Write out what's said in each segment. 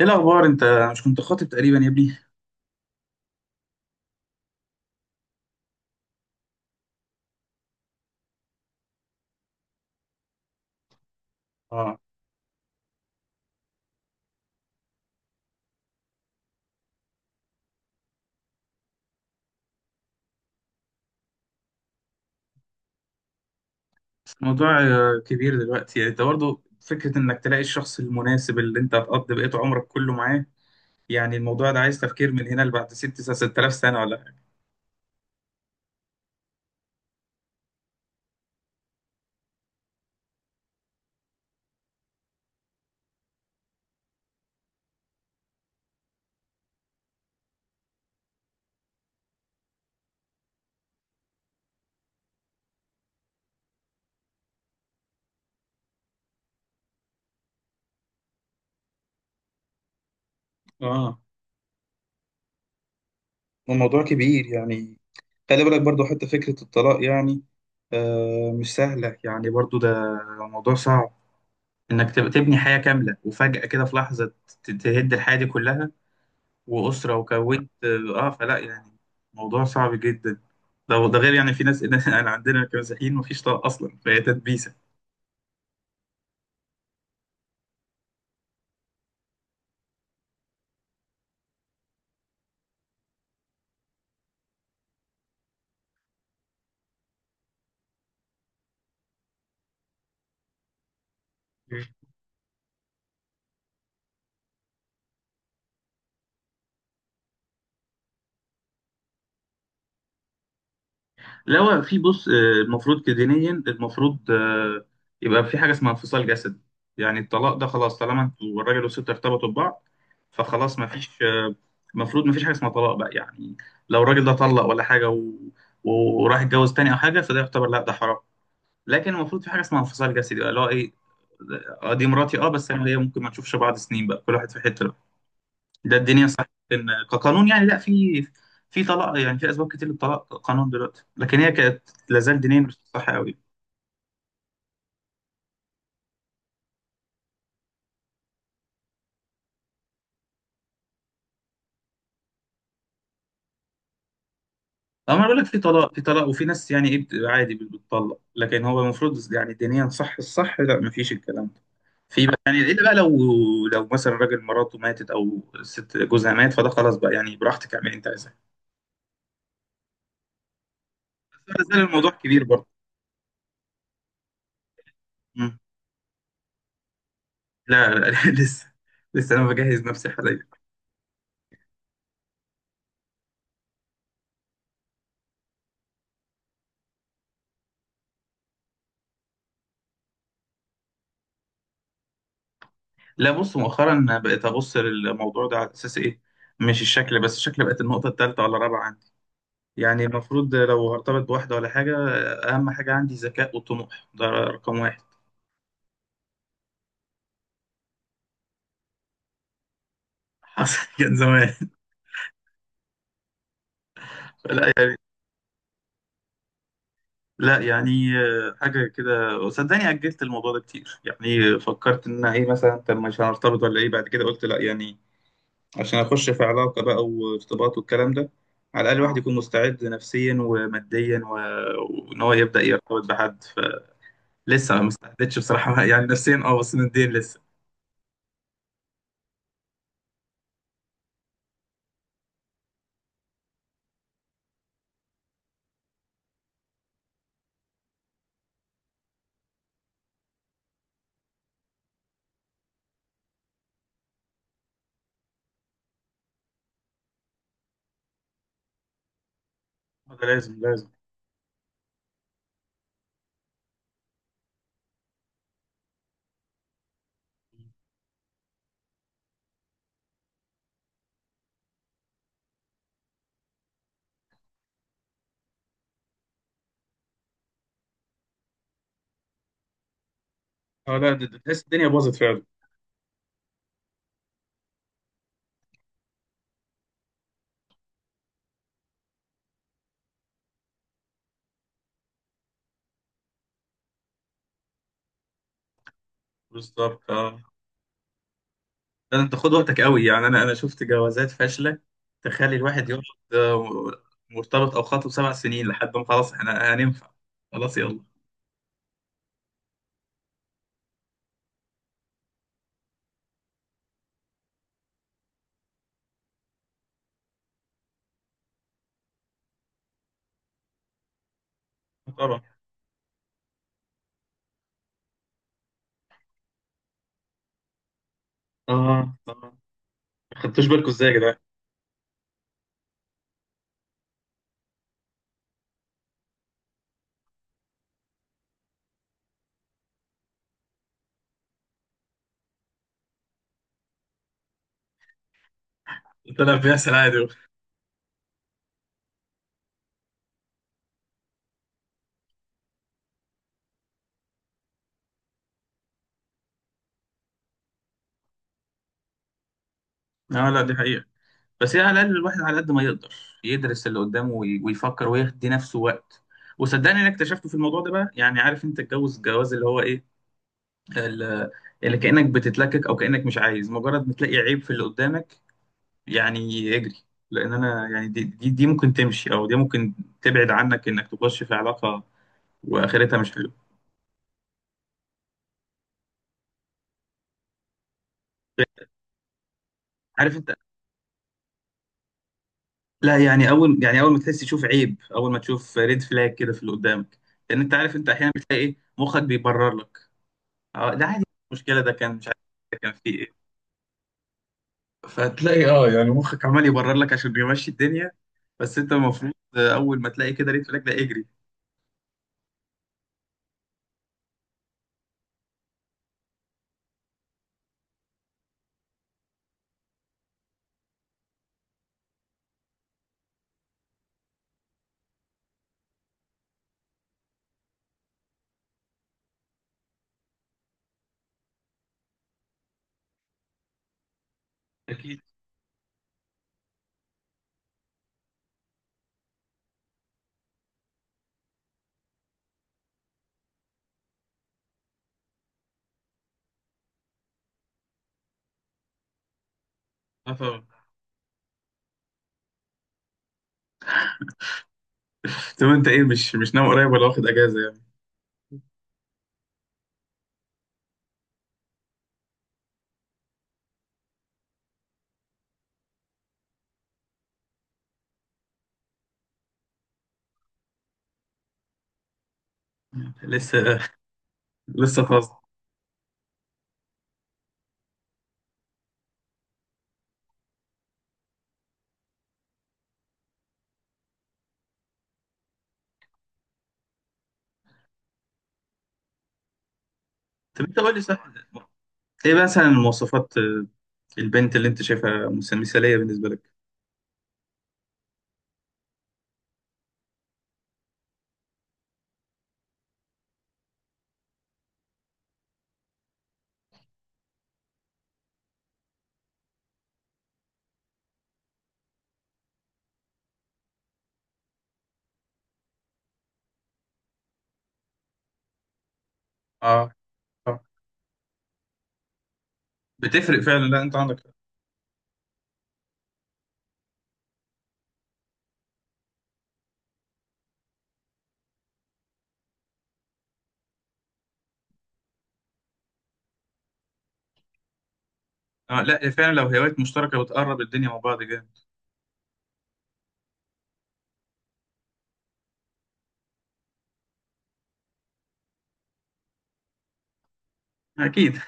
ايه الاخبار انت؟ مش كنت خاطب تقريبا يا ابني؟ اه، بس الموضوع كبير دلوقتي، يعني انت برضه فكره انك تلاقي الشخص المناسب اللي انت هتقضي بقيت عمرك كله معاه. يعني الموضوع ده عايز تفكير من هنا لبعد 6000 سنه ولا حاجه. اه الموضوع كبير يعني. خلي بالك برضه حتى فكره الطلاق، يعني آه مش سهله، يعني برضه ده موضوع صعب، انك تبني حياه كامله وفجاه كده في لحظه تهد الحياه دي كلها وأسرة وكونت اه فلا يعني. موضوع صعب جدا. ده ده غير يعني في ناس انا عندنا كمسيحيين مفيش طلاق اصلا، فهي تدبيسه. مم. لا هو في، بص، المفروض كدينيا المفروض يبقى في حاجه اسمها انفصال جسدي. يعني الطلاق ده خلاص، طالما انتوا الراجل والست ارتبطوا ببعض فخلاص مفيش المفروض مفيش حاجه اسمها طلاق بقى يعني. لو الراجل ده طلق ولا حاجه و... وراح يتجوز تاني او حاجه فده يعتبر لا، ده حرام. لكن المفروض في حاجه اسمها انفصال جسدي بقى، اللي هو ايه، دي مراتي اه بس انا ليا، ممكن ما نشوفش بعض سنين بقى، كل واحد في حته بقى. ده الدنيا صح. ان كقانون يعني لا، في في طلاق، يعني في اسباب كتير للطلاق قانون دلوقتي، لكن هي كانت لازال دينيا مش صح قوي. اما انا بقول لك في طلاق، في طلاق وفي ناس يعني ايه عادي بتطلق، لكن هو المفروض يعني دينيا صح، الصح لا، ما فيش الكلام ده. في بقى يعني، الا بقى لو لو مثلا راجل مراته ماتت او ست جوزها مات، فده خلاص بقى يعني، براحتك اعملي انت عايزاه. بس لا زال الموضوع كبير برضه. لا لا لسه، لسه انا بجهز نفسي حاليا. لا بص، مؤخرا بقيت ابص للموضوع ده على اساس ايه، مش الشكل، بس الشكل بقت النقطه الثالثه ولا الرابعه عندي. يعني المفروض لو هرتبط بواحده ولا حاجه، اهم حاجه عندي ذكاء وطموح، ده رقم واحد. حصل كان زمان. لا يعني لا يعني آه، حاجه كده، صدقني اجلت الموضوع ده كتير، يعني فكرت ان أنا ايه مثلا، طب مش هنرتبط ولا ايه، بعد كده قلت لا يعني، عشان اخش في علاقه بقى وارتباط والكلام ده، على الاقل الواحد يكون مستعد نفسيا وماديا و... وان هو يبدا يرتبط بحد. فلسه ما استعدتش بصراحه يعني نفسيا اه، بس ماديا لسه. ده لازم لازم. اه لا ده تحس الدنيا باظت فعلا. بالظبط اه. ده انت خد وقتك قوي يعني، انا شفت جوازات فاشله تخلي الواحد يقعد آه، مرتبط او خاطب سبع سنين لحد ما خلاص احنا هننفع، خلاص يلا. طبعا. اه طبعا، ما خدتوش بالكم ازاي يا جدعان؟ طلع بيحصل عادي. اه لا دي حقيقة. بس هي على الاقل الواحد على قد ما يقدر يدرس اللي قدامه ويفكر ويدي نفسه وقت. وصدقني انا اكتشفته في الموضوع ده بقى، يعني عارف انت الجوز الجواز اللي هو ايه، ال- اللي كانك بتتلكك او كانك مش عايز، مجرد ما تلاقي عيب في اللي قدامك يعني اجري. لان انا يعني دي دي ممكن تمشي، او دي ممكن تبعد عنك انك تخش في علاقه واخرتها مش حلوه. عارف انت، لا يعني اول يعني اول ما تحس تشوف عيب، اول ما تشوف ريد فلاج كده في اللي قدامك، لان انت عارف، انت احيانا بتلاقي ايه مخك بيبرر لك. اه ده عادي. المشكله ده كان مش عارف ده كان فيه ايه. فهتلاقي اه يعني مخك عمال يبرر لك عشان يمشي الدنيا. بس انت المفروض اول ما تلاقي كده ريت فلاج ده اجري. اكيد. اه طبعا. طب انت ايه، مش ناوي قريب ولا واخد اجازه يعني؟ لسه، لسه فاضي. طب انت قول لي صح، ايه مثلا مواصفات البنت اللي انت شايفها مثاليه بالنسبه لك؟ اه. آه. بتفرق فعلا، لا انت عندك. اه لا فعلا، لو هوايات مشتركه بتقرب الدنيا مع بعض جامد. اكيد.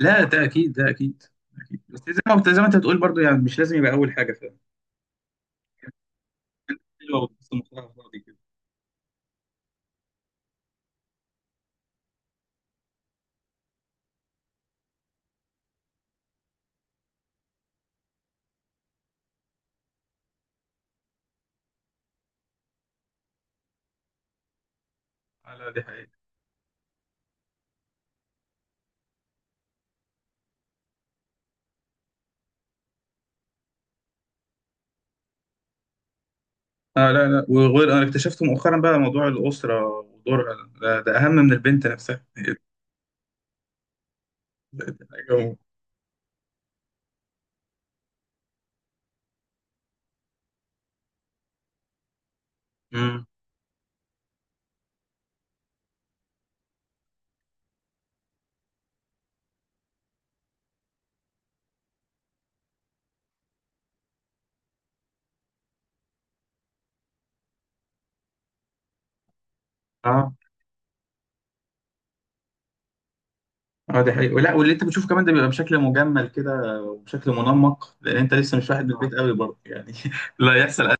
لا ده اكيد ده اكيد. اكيد، بس زي ما انت بتقول برضو، يعني مش لازم يبقى اول حاجه، فاهم. حلوه وبتبص لمصلحه فاضي كده. لا لا، دي حقيقة. اه لا لا، وغير، انا اكتشفت مؤخرا بقى موضوع الاسره ودورها ده اهم من البنت نفسها. ده حاجه. امم. اه اه دي حقيقة. لا واللي انت بتشوفه كمان ده بيبقى بشكل مجمل كده وبشكل منمق، لان انت لسه مش واحد من البيت قوي برضه يعني لا يحصل اسوء.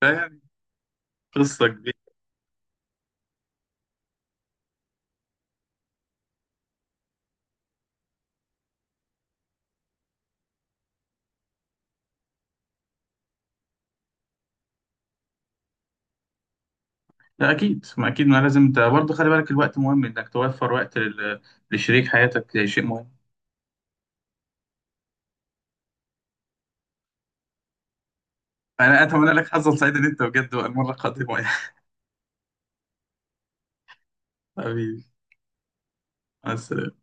فاهم، قصه كبيره. لا اكيد، ما اكيد ما لازم. انت برضه خلي بالك الوقت مهم، انك توفر وقت لشريك حياتك شيء مهم. انا اتمنى لك حظا سعيدا انت بجد، والمره القادمه يا حبيبي. مع السلامة.